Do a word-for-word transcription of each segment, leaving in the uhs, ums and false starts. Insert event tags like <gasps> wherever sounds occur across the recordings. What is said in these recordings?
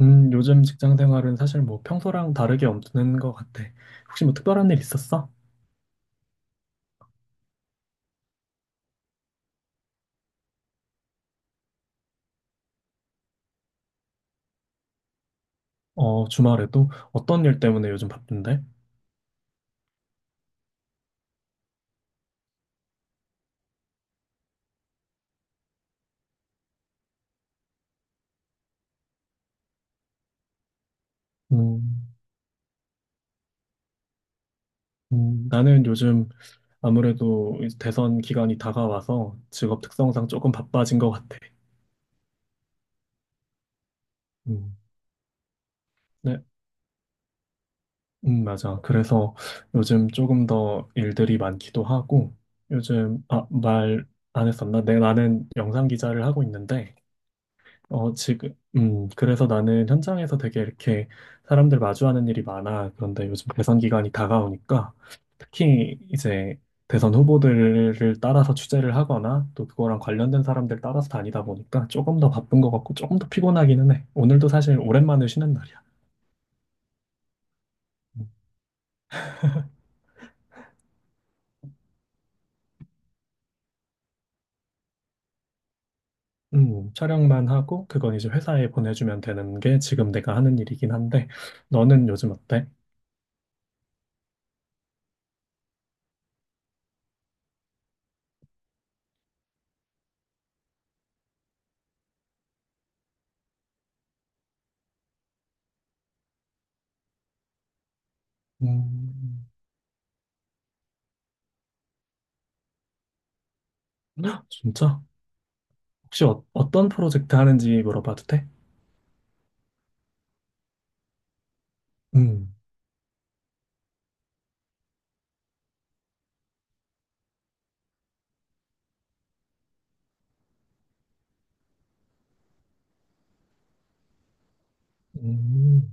음, 요즘 직장 생활은 사실 뭐 평소랑 다르게 없는 것 같아. 혹시 뭐 특별한 일 있었어? 어, 주말에도? 어떤 일 때문에 요즘 바쁜데? 음, 음, 나는 요즘 아무래도 이제 대선 기간이 다가와서 직업 특성상 조금 바빠진 것 같아. 음, 네, 음, 맞아. 그래서 요즘 조금 더 일들이 많기도 하고, 요즘, 아, 말 안 했었나? 내 나는 영상 기자를 하고 있는데, 어, 지금, 음, 그래서 나는 현장에서 되게 이렇게 사람들 마주하는 일이 많아. 그런데 요즘 대선 기간이 다가오니까 특히 이제 대선 후보들을 따라서 취재를 하거나 또 그거랑 관련된 사람들 따라서 다니다 보니까 조금 더 바쁜 것 같고 조금 더 피곤하기는 해. 오늘도 사실 오랜만에 쉬는 날이야. 음, 촬영만 하고 그건 이제 회사에 보내주면 되는 게 지금 내가 하는 일이긴 한데 너는 요즘 어때? 음, <gasps> 헉, 진짜? 혹시 어, 어떤 프로젝트 하는지 물어봐도 돼? 음, 음,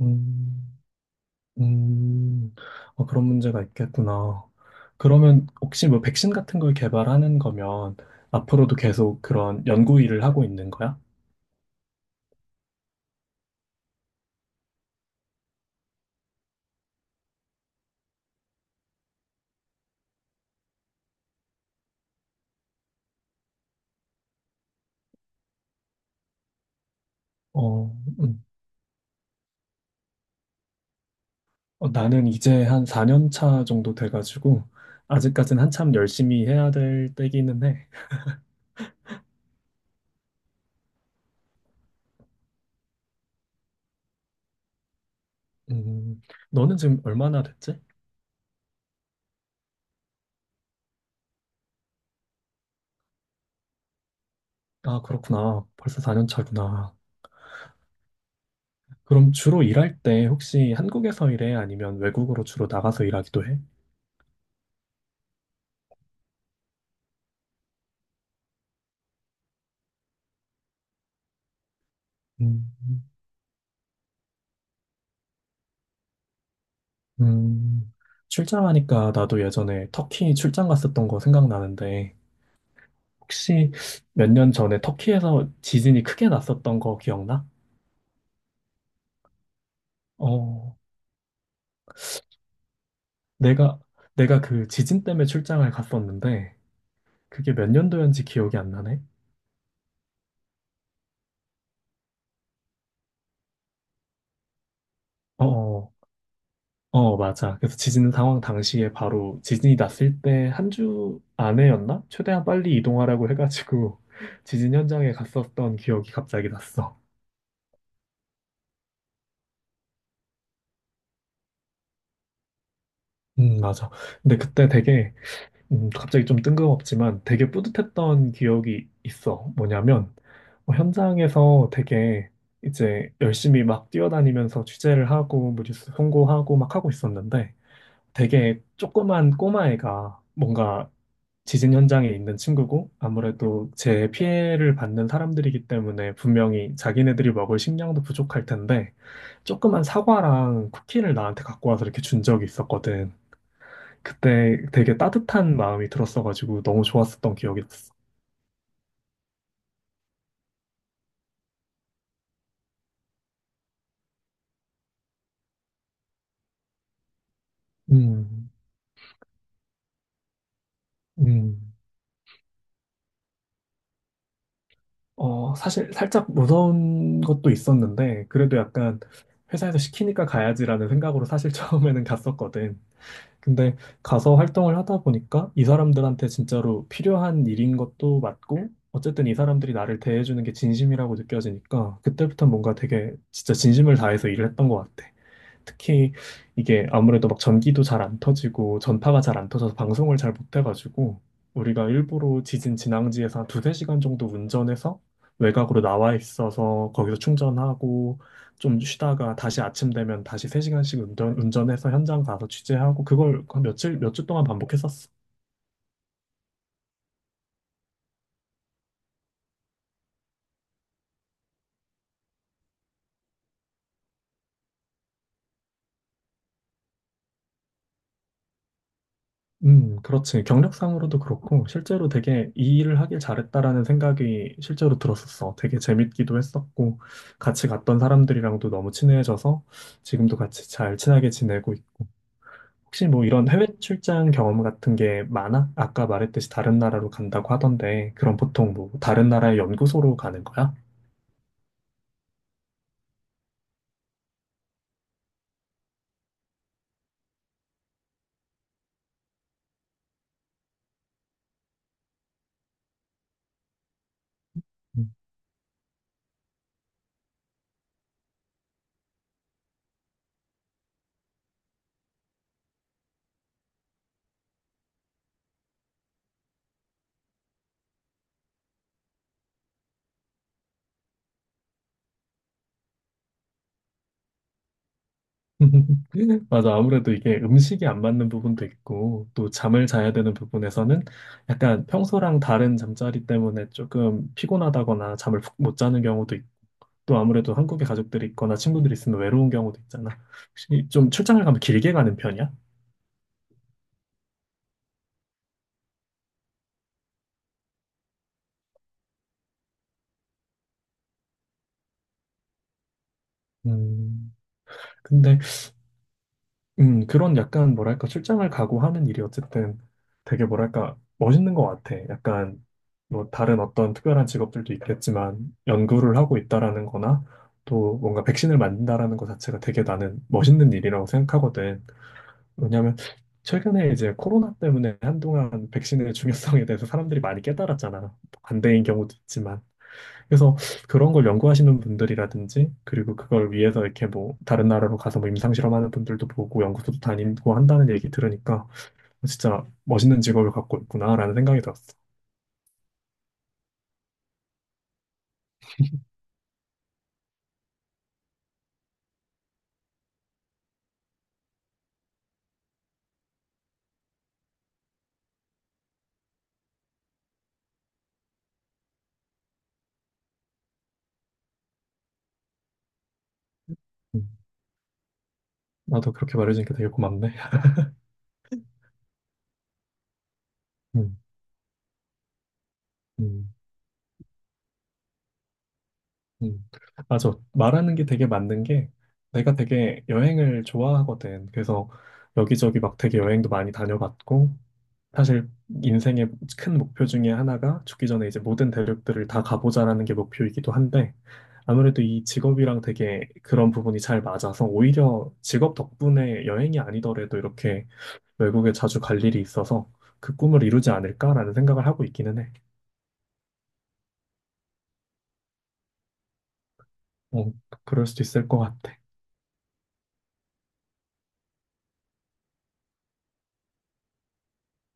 음, 음. 어, 그런 문제가 있겠구나. 그러면 혹시 뭐 백신 같은 걸 개발하는 거면 앞으로도 계속 그런 연구 일을 하고 있는 거야? 어, 음. 어, 나는 이제 한 사 년 차 정도 돼가지고 아직까진 한참 열심히 해야 될 때기는 해. 음, 너는 지금 얼마나 됐지? 아, 그렇구나. 벌써 사 년 차구나. 그럼 주로 일할 때 혹시 한국에서 일해? 아니면 외국으로 주로 나가서 일하기도 해? 음, 음, 출장하니까 나도 예전에 터키 출장 갔었던 거 생각나는데 혹시 몇 년 전에 터키에서 지진이 크게 났었던 거 기억나? 어, 내가 내가 그 지진 때문에 출장을 갔었는데 그게 몇 년도였는지 기억이 안 나네. 어, 어, 어, 맞아. 그래서 지진 상황 당시에 바로 지진이 났을 때 한 주 안에였나? 최대한 빨리 이동하라고 해가지고 <laughs> 지진 현장에 갔었던 기억이 갑자기 났어. 음, 맞아. 근데 그때 되게 음, 갑자기 좀 뜬금없지만 되게 뿌듯했던 기억이 있어. 뭐냐면, 어, 현장에서 되게 이제 열심히 막 뛰어다니면서 취재를 하고, 뭐 뉴스 송고하고 막 하고 있었는데, 되게 조그만 꼬마애가 뭔가 지진 현장에 있는 친구고, 아무래도 제 피해를 받는 사람들이기 때문에 분명히 자기네들이 먹을 식량도 부족할 텐데, 조그만 사과랑 쿠키를 나한테 갖고 와서 이렇게 준 적이 있었거든. 그때 되게 따뜻한 마음이 들었어가지고 너무 좋았었던 기억이 났어. 음, 음, 어, 사실 살짝 무서운 것도 있었는데, 그래도 약간 회사에서 시키니까 가야지라는 생각으로 사실 <laughs> 처음에는 갔었거든. 근데 가서 활동을 하다 보니까 이 사람들한테 진짜로 필요한 일인 것도 맞고, 어쨌든 이 사람들이 나를 대해주는 게 진심이라고 느껴지니까, 그때부터 뭔가 되게 진짜 진심을 다해서 일을 했던 것 같아. 특히 이게 아무래도 막 전기도 잘 안 터지고 전파가 잘 안 터져서 방송을 잘 못 해가지고 우리가 일부러 지진 진앙지에서 한 두세 시간 정도 운전해서 외곽으로 나와 있어서 거기서 충전하고 좀 쉬다가 다시 아침 되면 다시 세시간씩 운전, 운전해서 현장 가서 취재하고 그걸 한 며칠, 몇 주 동안 반복했었어. 음, 그렇지. 경력상으로도 그렇고, 실제로 되게 이 일을 하길 잘했다라는 생각이 실제로 들었었어. 되게 재밌기도 했었고, 같이 갔던 사람들이랑도 너무 친해져서 지금도 같이 잘 친하게 지내고 있고. 혹시 뭐 이런 해외 출장 경험 같은 게 많아? 아까 말했듯이 다른 나라로 간다고 하던데, 그럼 보통 뭐 다른 나라의 연구소로 가는 거야? <laughs> 맞아. 아무래도 이게 음식이 안 맞는 부분도 있고, 또 잠을 자야 되는 부분에서는 약간 평소랑 다른 잠자리 때문에 조금 피곤하다거나 잠을 푹못 자는 경우도 있고, 아무래도 한국에 가족들이 있거나 친구들이 있으면 외로운 경우도 있잖아. 혹시 좀 출장을 가면 길게 가는 편이야? 음, 근데 음, 그런 약간 뭐랄까 출장을 가고 하는 일이 어쨌든 되게 뭐랄까 멋있는 것 같아. 약간 뭐 다른 어떤 특별한 직업들도 있겠지만 연구를 하고 있다라는 거나 또 뭔가 백신을 만든다라는 것 자체가 되게 나는 멋있는 일이라고 생각하거든. 왜냐면 최근에 이제 코로나 때문에 한동안 백신의 중요성에 대해서 사람들이 많이 깨달았잖아. 반대인 경우도 있지만. 그래서 그런 걸 연구하시는 분들이라든지, 그리고 그걸 위해서 이렇게 뭐, 다른 나라로 가서 뭐 임상실험하는 분들도 보고 연구소도 다니고 한다는 얘기 들으니까, 진짜 멋있는 직업을 갖고 있구나라는 생각이 들었어. 음, 나도 그렇게 말해주니까 되게 고맙네. 음, 음, 음. 아, 저 말하는 게 되게 맞는 게, 내가 되게 여행을 좋아하거든. 그래서 여기저기 막 되게 여행도 많이 다녀봤고, 사실 인생의 큰 목표 중에 하나가 죽기 전에 이제 모든 대륙들을 다 가보자라는 게 목표이기도 한데 아무래도 이 직업이랑 되게 그런 부분이 잘 맞아서 오히려 직업 덕분에 여행이 아니더라도 이렇게 외국에 자주 갈 일이 있어서 그 꿈을 이루지 않을까라는 생각을 하고 있기는 해. 어, 그럴 수도 있을 것 같아.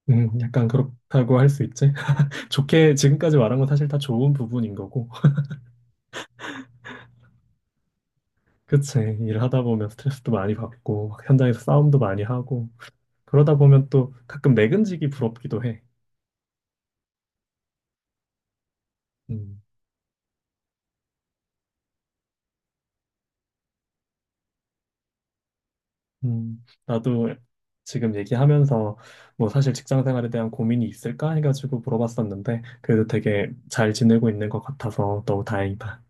음, 약간 그렇다고 할 수 있지. <laughs> 좋게 지금까지 말한 건 사실 다 좋은 부분인 거고. <laughs> 그치. 일하다 보면 스트레스도 많이 받고, 막 현장에서 싸움도 많이 하고, 그러다 보면 또 가끔 내근직이 부럽기도 해. 음, 음, 나도 지금 얘기하면서 뭐 사실 직장 생활에 대한 고민이 있을까 해가지고 물어봤었는데 그래도 되게 잘 지내고 있는 것 같아서 너무 다행이다.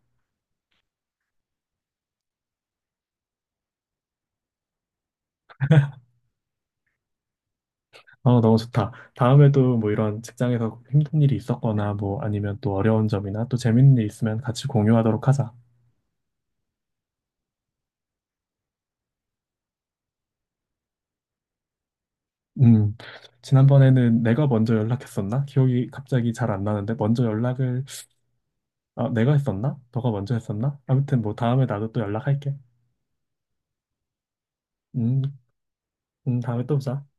어, 너무 좋다. 다음에도 뭐 이런 직장에서 힘든 일이 있었거나 뭐 아니면 또 어려운 점이나 또 재밌는 일 있으면 같이 공유하도록 하자. 음, 지난번에는 내가 먼저 연락했었나? 기억이 갑자기 잘 안 나는데 먼저 연락을 아, 내가 했었나? 너가 먼저 했었나? 아무튼 뭐 다음에 나도 또 연락할게. 음, 음, 다음에 또 보자.